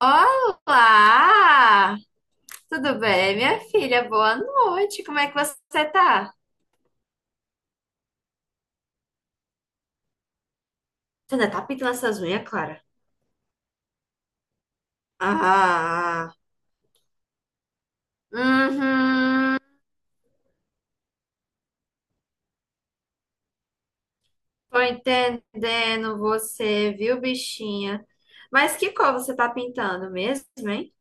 Olá! Tudo bem, minha filha? Boa noite. Como é que você tá? Você ainda tá pintando essas unhas, Clara? Ah, uhum. Tô entendendo você, viu, bichinha? Mas que cor você tá pintando mesmo, hein?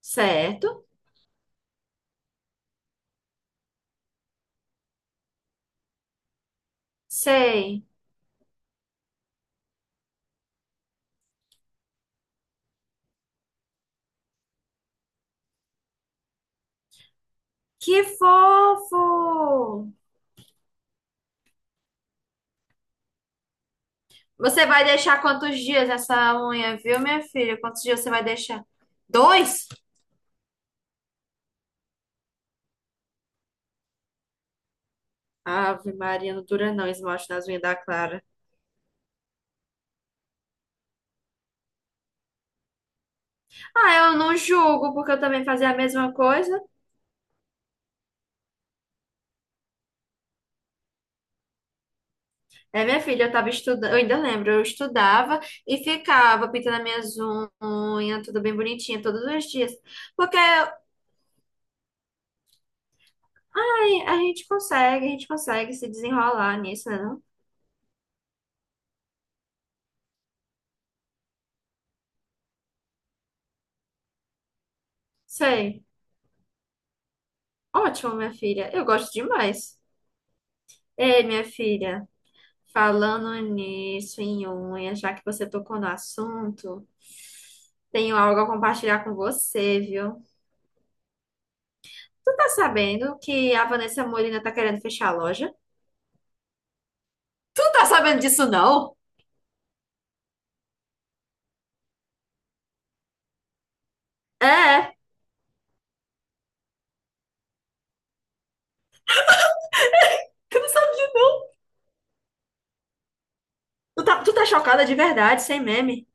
Certo? Sei. Que fofo! Você vai deixar quantos dias essa unha, viu, minha filha? Quantos dias você vai deixar? Dois? Ave Maria, não dura não, esmalte nas unhas da Clara. Ah, eu não julgo, porque eu também fazia a mesma coisa. É, minha filha, eu tava estudando, eu ainda lembro, eu estudava e ficava pintando as minhas unhas, tudo bem bonitinha, todos os dias. Porque aí, a gente consegue se desenrolar nisso, né? Não? Sei. Ótimo, minha filha. Eu gosto demais. Ei, minha filha, falando nisso, em unha, já que você tocou no assunto, tenho algo a compartilhar com você, viu? Tu tá sabendo que a Vanessa Molina tá querendo fechar a loja? Tu tá sabendo disso, não? É, é. Eu não sabia. Tu tá, tu tá chocada de verdade, sem meme.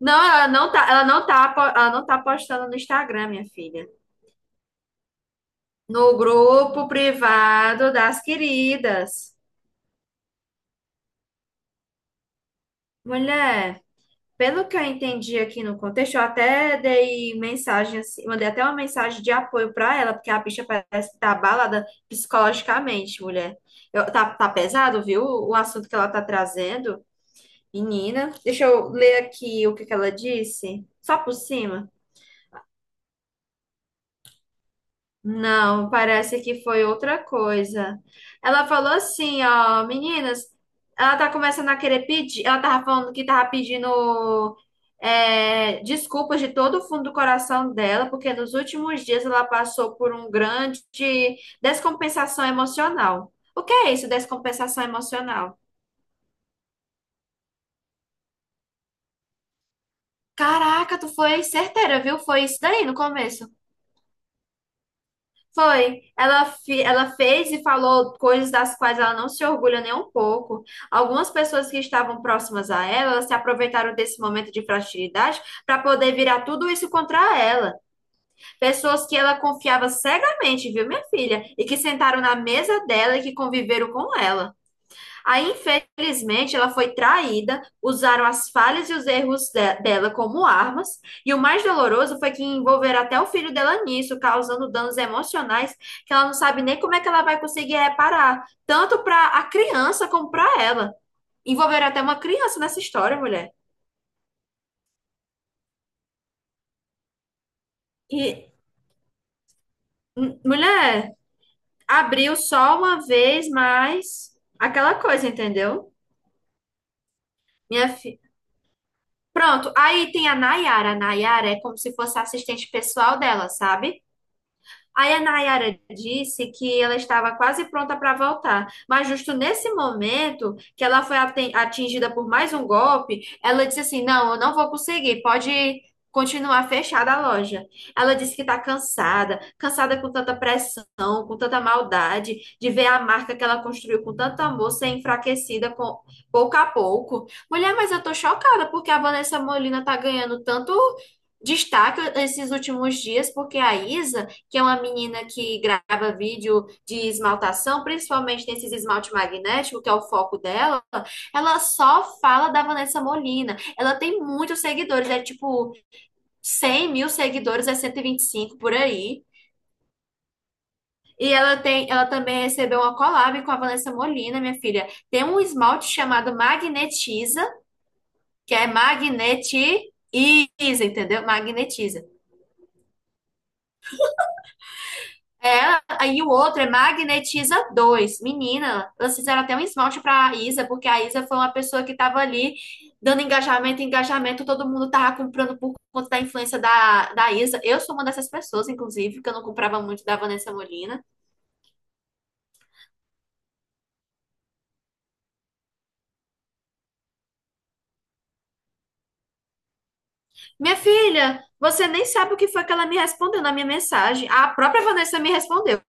Não, ela não tá, po- ela não tá postando no Instagram, minha filha. No grupo privado das queridas. Mulher. Pelo que eu entendi aqui no contexto, eu até dei mensagem, assim, mandei até uma mensagem de apoio pra ela, porque a bicha parece que tá abalada psicologicamente, mulher. Eu- tá, tá pesado, viu? O assunto que ela tá trazendo, menina. Deixa eu ler aqui o que que ela disse, só por cima. Não, parece que foi outra coisa. Ela falou assim, ó, meninas, ela tá começando a querer pedir, ela tava falando que tava pedindo desculpas de todo o fundo do coração dela, porque nos últimos dias ela passou por um grande descompensação emocional. O que é isso, descompensação emocional? Caraca, tu foi certeira, viu? Foi isso daí no começo. Foi. Ela, fi- ela fez e falou coisas das quais ela não se orgulha nem um pouco. Algumas pessoas que estavam próximas a ela, elas se aproveitaram desse momento de fragilidade para poder virar tudo isso contra ela. Pessoas que ela confiava cegamente, viu, minha filha? E que sentaram na mesa dela e que conviveram com ela. Aí, infelizmente, ela foi traída, usaram as falhas e os erros de- dela como armas, e o mais doloroso foi que envolveram até o filho dela nisso, causando danos emocionais que ela não sabe nem como é que ela vai conseguir reparar, tanto para a criança como para ela. Envolveram até uma criança nessa história, mulher. E, m- mulher, abriu só uma vez, mas aquela coisa, entendeu? Minha fi... Pronto, aí tem a Nayara. A Nayara é como se fosse a assistente pessoal dela, sabe? Aí a Nayara disse que ela estava quase pronta para voltar, mas justo nesse momento que ela foi aten- atingida por mais um golpe, ela disse assim: Não, eu não vou conseguir, pode continuar fechada a loja. Ela disse que está cansada, cansada com tanta pressão, com tanta maldade, de ver a marca que ela construiu com tanto amor ser enfraquecida com, pouco a pouco. Mulher, mas eu tô chocada porque a Vanessa Molina tá ganhando tanto destaque esses últimos dias, porque a Isa que é uma menina que grava vídeo de esmaltação, principalmente nesses esmalte magnético, que é o foco dela, ela só fala da Vanessa Molina. Ela tem muitos seguidores, é tipo 100 mil seguidores, é 125 por aí. E ela tem, ela também recebeu uma collab com a Vanessa Molina, minha filha. Tem um esmalte chamado Magnetiza, que é magnetiza, entendeu? Magnetiza. É, aí o outro é Magnetiza dois, menina, elas fizeram até um esmalte pra Isa, porque a Isa foi uma pessoa que tava ali dando engajamento, engajamento, todo mundo tava comprando por conta da influência da Isa. Eu sou uma dessas pessoas, inclusive, que eu não comprava muito da Vanessa Molina. Minha filha, você nem sabe o que foi que ela me respondeu na minha mensagem. A própria Vanessa me respondeu.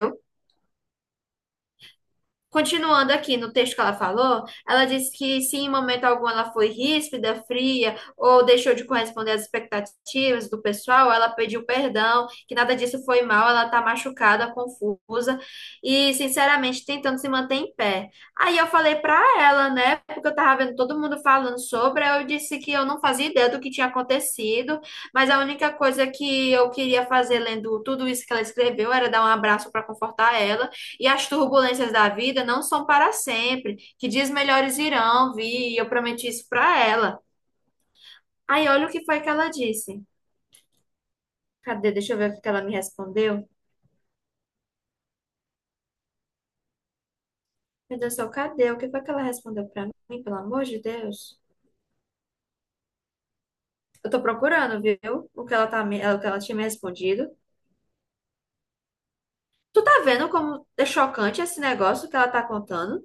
Continuando aqui no texto que ela falou, ela disse que se em momento algum ela foi ríspida, fria ou deixou de corresponder às expectativas do pessoal, ela pediu perdão, que nada disso foi mal, ela está machucada, confusa e, sinceramente, tentando se manter em pé. Aí eu falei para ela, né, porque eu tava vendo todo mundo falando sobre, aí eu disse que eu não fazia ideia do que tinha acontecido, mas a única coisa que eu queria fazer lendo tudo isso que ela escreveu era dar um abraço para confortar ela e as turbulências da vida não são para sempre, que dias melhores irão vir, e eu prometi isso para ela. Aí olha o que foi que ela disse. Cadê? Deixa eu ver o que ela me respondeu. Meu Deus do céu, cadê? O que foi que ela respondeu para mim, pelo amor de Deus? Eu tô procurando, viu? O que ela tá, me- o que ela tinha me respondido. Tu tá vendo como é chocante esse negócio que ela tá contando?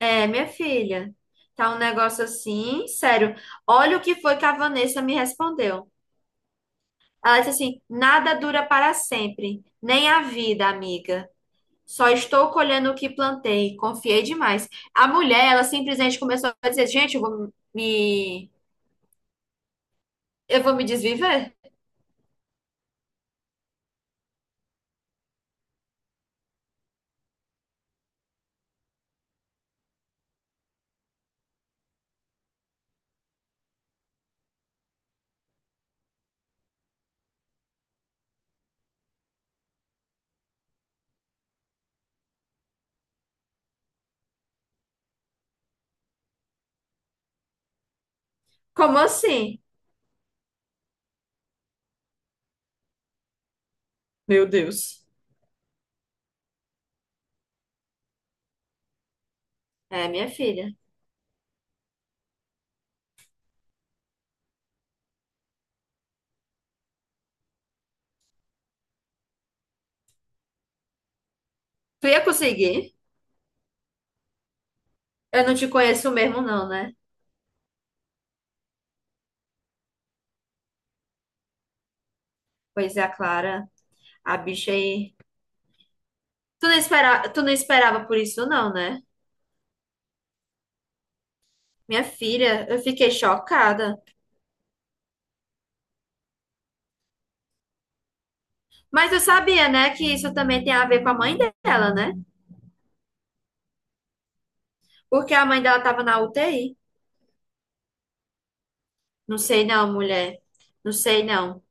É, minha filha, tá um negócio assim, sério. Olha o que foi que a Vanessa me respondeu. Ela disse assim: nada dura para sempre, nem a vida, amiga. Só estou colhendo o que plantei. Confiei demais. A mulher, ela simplesmente começou a dizer: gente, eu vou me desviver? Como assim? Meu Deus. É, minha filha. Tu ia conseguir? Eu não te conheço mesmo, não, né? Pois é, a Clara, a bicha aí. Tu não espera... tu não esperava por isso, não, né? Minha filha, eu fiquei chocada. Mas eu sabia, né, que isso também tem a ver com a mãe dela, né? Porque a mãe dela estava na UTI. Não sei não, mulher. Não sei não.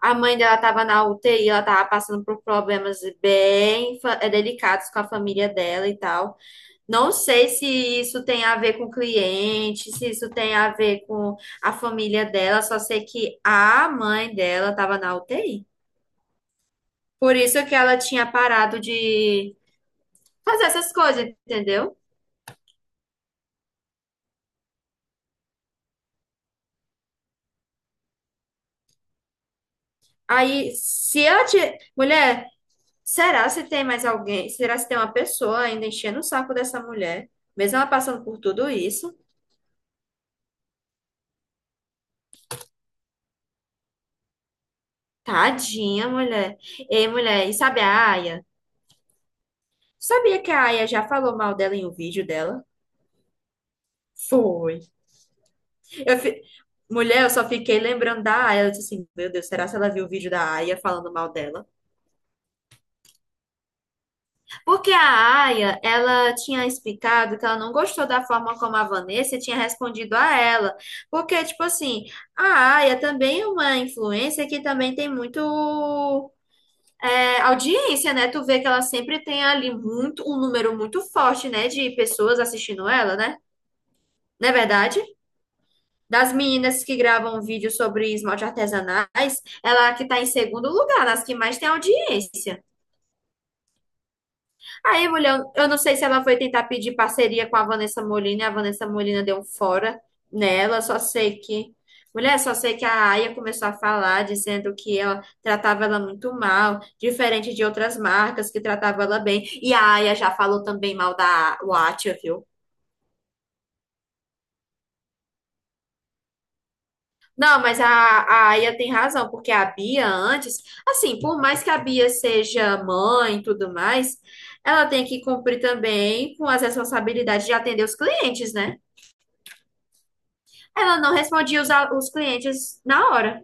A mãe dela estava na UTI, ela tava passando por problemas bem fa- delicados com a família dela e tal. Não sei se isso tem a ver com o cliente, se isso tem a ver com a família dela, só sei que a mãe dela estava na UTI. Por isso que ela tinha parado de fazer essas coisas, entendeu? Aí, se ela tinha. Mulher, será se tem mais alguém? Será se tem uma pessoa ainda enchendo o saco dessa mulher? Mesmo ela passando por tudo isso? Tadinha, mulher. Ei, mulher, e sabe a Aya? Sabia que a Aya já falou mal dela em um vídeo dela? Foi. Eu fi- mulher, eu só fiquei lembrando da Aya. Eu disse assim, meu Deus, será se ela viu o vídeo da Aya falando mal dela? Porque a Aya, ela tinha explicado que ela não gostou da forma como a Vanessa tinha respondido a ela. Porque, tipo assim, a Aya também é uma influência que também tem muito audiência, né? Tu vê que ela sempre tem ali muito, um número muito forte, né, de pessoas assistindo ela, né? Não é verdade? Das meninas que gravam vídeos sobre esmalte artesanais, ela é a que tá em segundo lugar, nas que mais tem audiência. Aí, mulher, eu não sei se ela foi tentar pedir parceria com a Vanessa Molina, e a Vanessa Molina deu um fora nela, só sei que. Mulher, só sei que a Aya começou a falar, dizendo que ela tratava ela muito mal, diferente de outras marcas que tratavam ela bem. E a Aya já falou também mal da Watcha, viu? Não, mas a Aya tem razão, porque a Bia antes, assim, por mais que a Bia seja mãe e tudo mais, ela tem que cumprir também com as responsabilidades de atender os clientes, né? Ela não respondia os, al- os clientes na hora.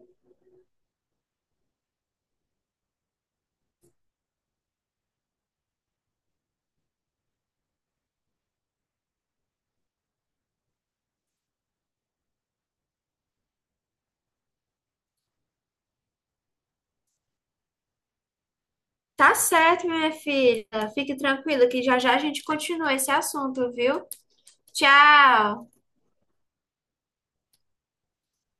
Tá certo, minha filha. Fique tranquila que já já a gente continua esse assunto, viu? Tchau!